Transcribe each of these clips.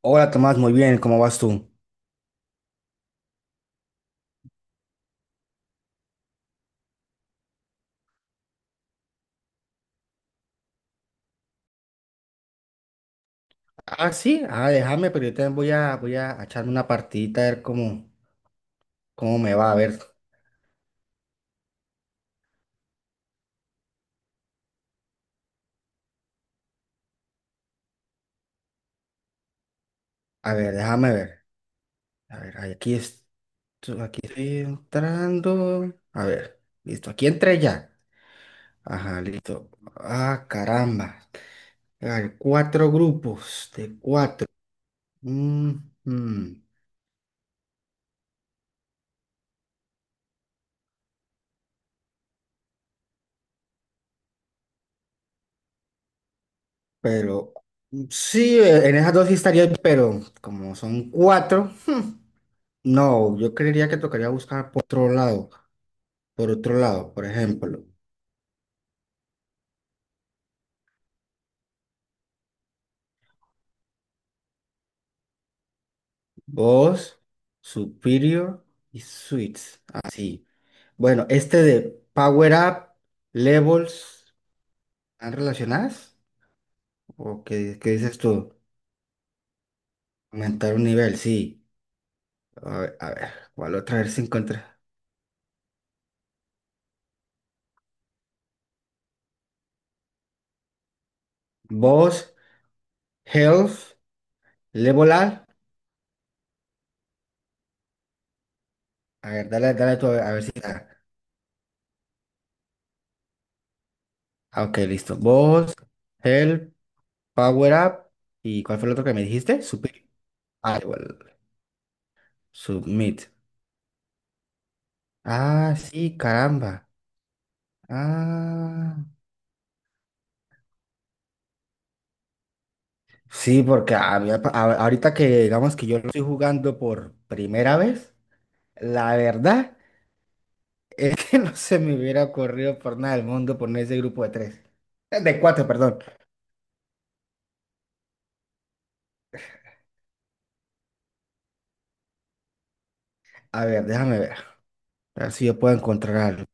Hola Tomás, muy bien, ¿cómo vas tú? Ah, sí, ah, déjame, pero yo también voy a echarme una partidita a ver cómo me va. A ver, a ver, déjame ver, a ver, ahí aquí, es, aquí estoy entrando, a ver, listo, aquí entré ya, ajá, listo, ah, caramba, hay cuatro grupos de cuatro. Ujú. Pero sí, en esas dos sí estaría, pero como son cuatro, no, yo creería que tocaría buscar por otro lado. Por otro lado, por ejemplo, Boss, Superior y Suites. Así. Bueno, este de Power Up, Levels, ¿están relacionadas? ¿O qué dices tú? Aumentar un nivel, sí. A ver, ¿cuál otra vez se encuentra? Boss, Health, Level Up. A ver, dale tú a ver si está. Ah, ok, listo. Boss, Health, Power Up. ¿Y cuál fue el otro que me dijiste? Superior. Ah, igual. Submit. Ah, sí, caramba. Ah, sí, porque a mí, ahorita que digamos que yo lo estoy jugando por primera vez, la verdad es que no se me hubiera ocurrido por nada del mundo poner ese grupo de tres. De cuatro, perdón. A ver, déjame ver. A ver si yo puedo encontrar algo.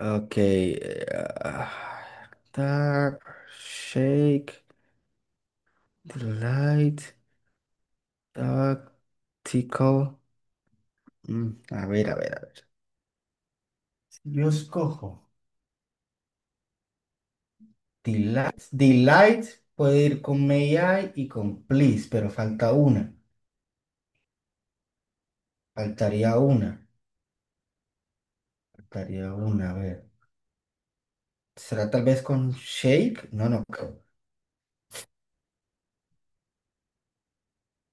Ok. Ah, Dark, shake, delight, tactical. A ver, a ver, a ver. Yo escojo. Delight puede ir con may I y con please, pero falta una. Faltaría una. Faltaría una. A ver. ¿Será tal vez con shake? No, no.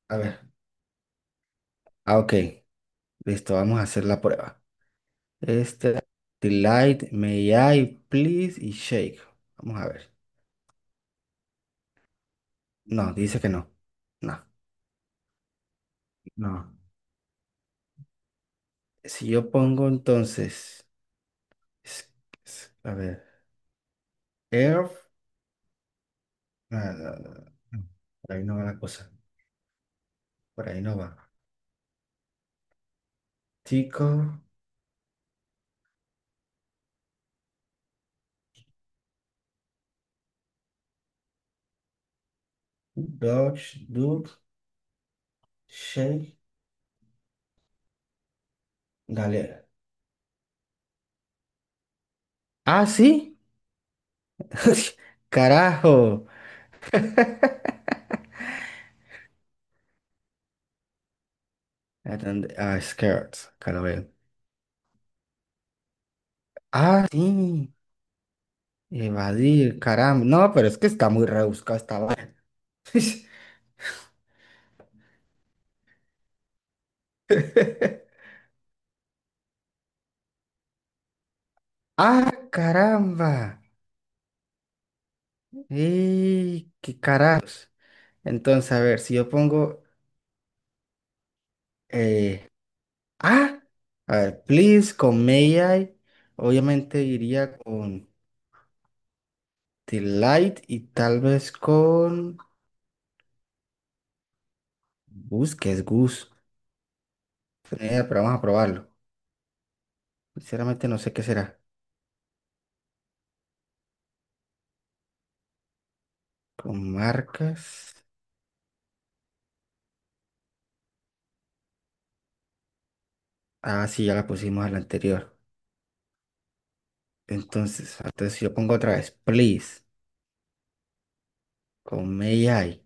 A ver. Ah, ok. Listo, vamos a hacer la prueba. Este. Delight, may I, please y shake. Vamos a ver. No, dice que no. No, no. Si yo pongo entonces es- a ver. Air. Ah, no, no, no, no. Por ahí no va la cosa. Por ahí no va. Tico. Dodge, Duke, Shake, Galera. Ah, sí. Carajo. Atende- ah, skirts. Acá lo veo. Ah, sí. Evadir, caramba. No, pero es que está muy rebuscado esta vaina. Caramba. Y qué carajos. Entonces, a ver, si yo pongo. eh, Ah, a ver, please con may I. Obviamente iría con delight y tal vez con. Gus, que es Gus. Pero vamos a probarlo. Sinceramente no sé qué será. Con marcas. Ah, sí, ya la pusimos a la anterior. Entonces si yo pongo otra vez, please, con May I.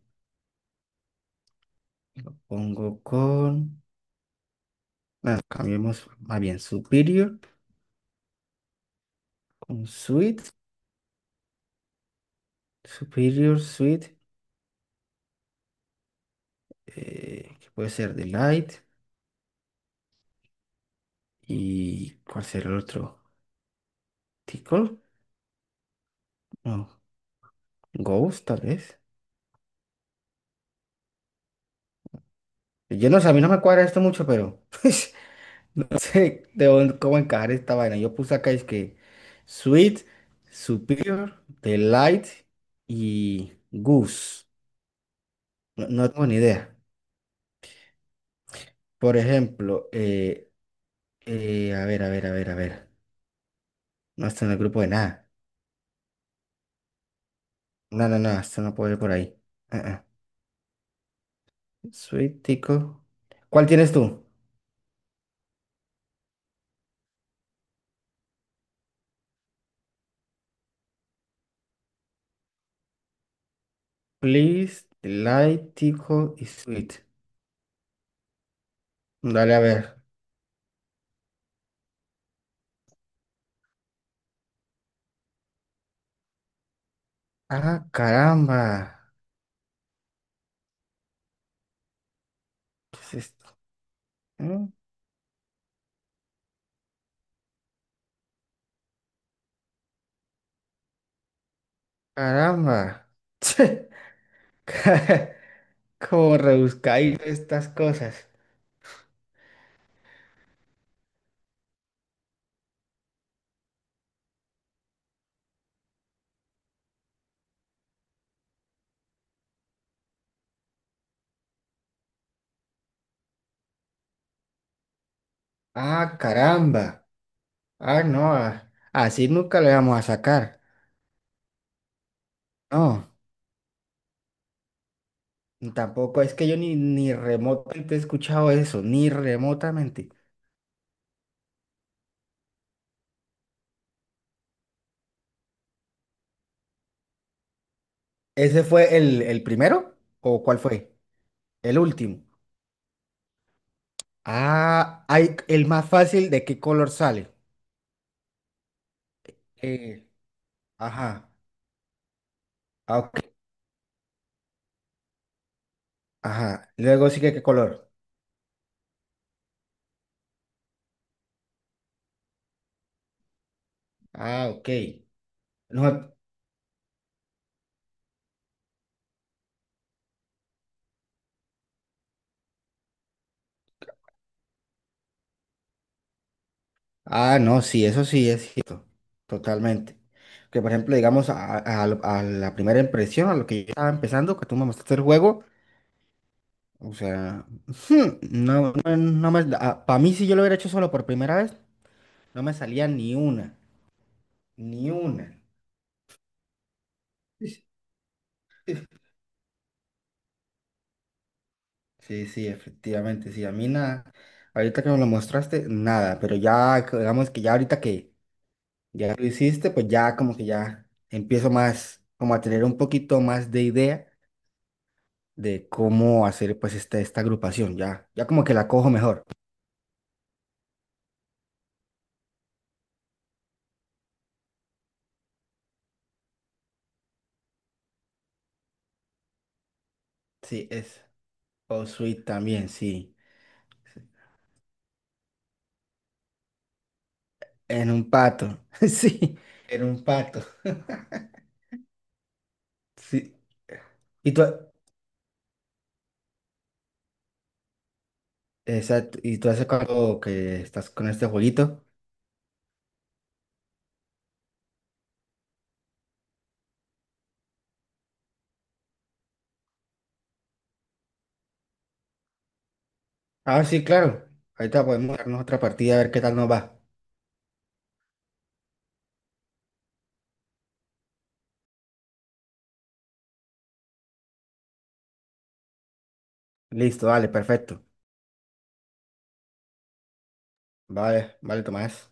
Pongo con... ah, cambiemos más bien Superior, con Sweet, Superior, Sweet, que puede ser Delight. ¿Y cuál será el otro? ¿Tickle? No, Ghost, tal vez. Yo no sé, a mí no me cuadra esto mucho, pero... Sí, de dónde- cómo encajar esta vaina. Yo puse acá es que Sweet, Superior, Delight y Goose. No, no tengo ni idea. Por ejemplo, a ver, a ver, a ver, a ver. No está en el grupo de nada. No, no, no, esto no puede ir por ahí. Ah, ah. Sweet, Tico. ¿Cuál tienes tú? Please, Delight, Tico y Sweet. Dale a ver. Ah, caramba. ¿Qué es esto? Mm, Caramba. Como rebuscáis estas cosas. Ah, caramba. Ah, no. Ah, así nunca le vamos a sacar. No, tampoco es que yo ni remotamente he escuchado eso, ni remotamente. ¿Ese fue el primero? ¿O cuál fue? El último. Ah, hay el más fácil de qué color sale. Eh, ajá. Ah, ok. Ajá. Luego sigue qué color. Ah, ok. No, ah, no, sí, eso sí es cierto, totalmente. Que por ejemplo, digamos, a la primera impresión, a lo que yo estaba empezando, que tú me mostraste el juego, o sea, no, para mí si yo lo hubiera hecho solo por primera vez, no me salía ni una, ni una. Sí, sí, efectivamente, sí, a mí nada, ahorita que me lo mostraste, nada, pero ya, que- digamos que ya ahorita que ya lo hiciste, pues ya como que ya empiezo más, como a tener un poquito más de idea de cómo hacer pues esta agrupación, ya, ya como que la cojo mejor. Sí, es. O Sweet también, sí. En un pato, sí, en un pato. Sí. ¿Y tú, exacto, y tú hace cuánto que estás con este jueguito? Ah, sí, claro. Ahorita podemos darnos otra partida a ver qué tal nos va. Listo, vale, perfecto. Vale, vale, Tomás.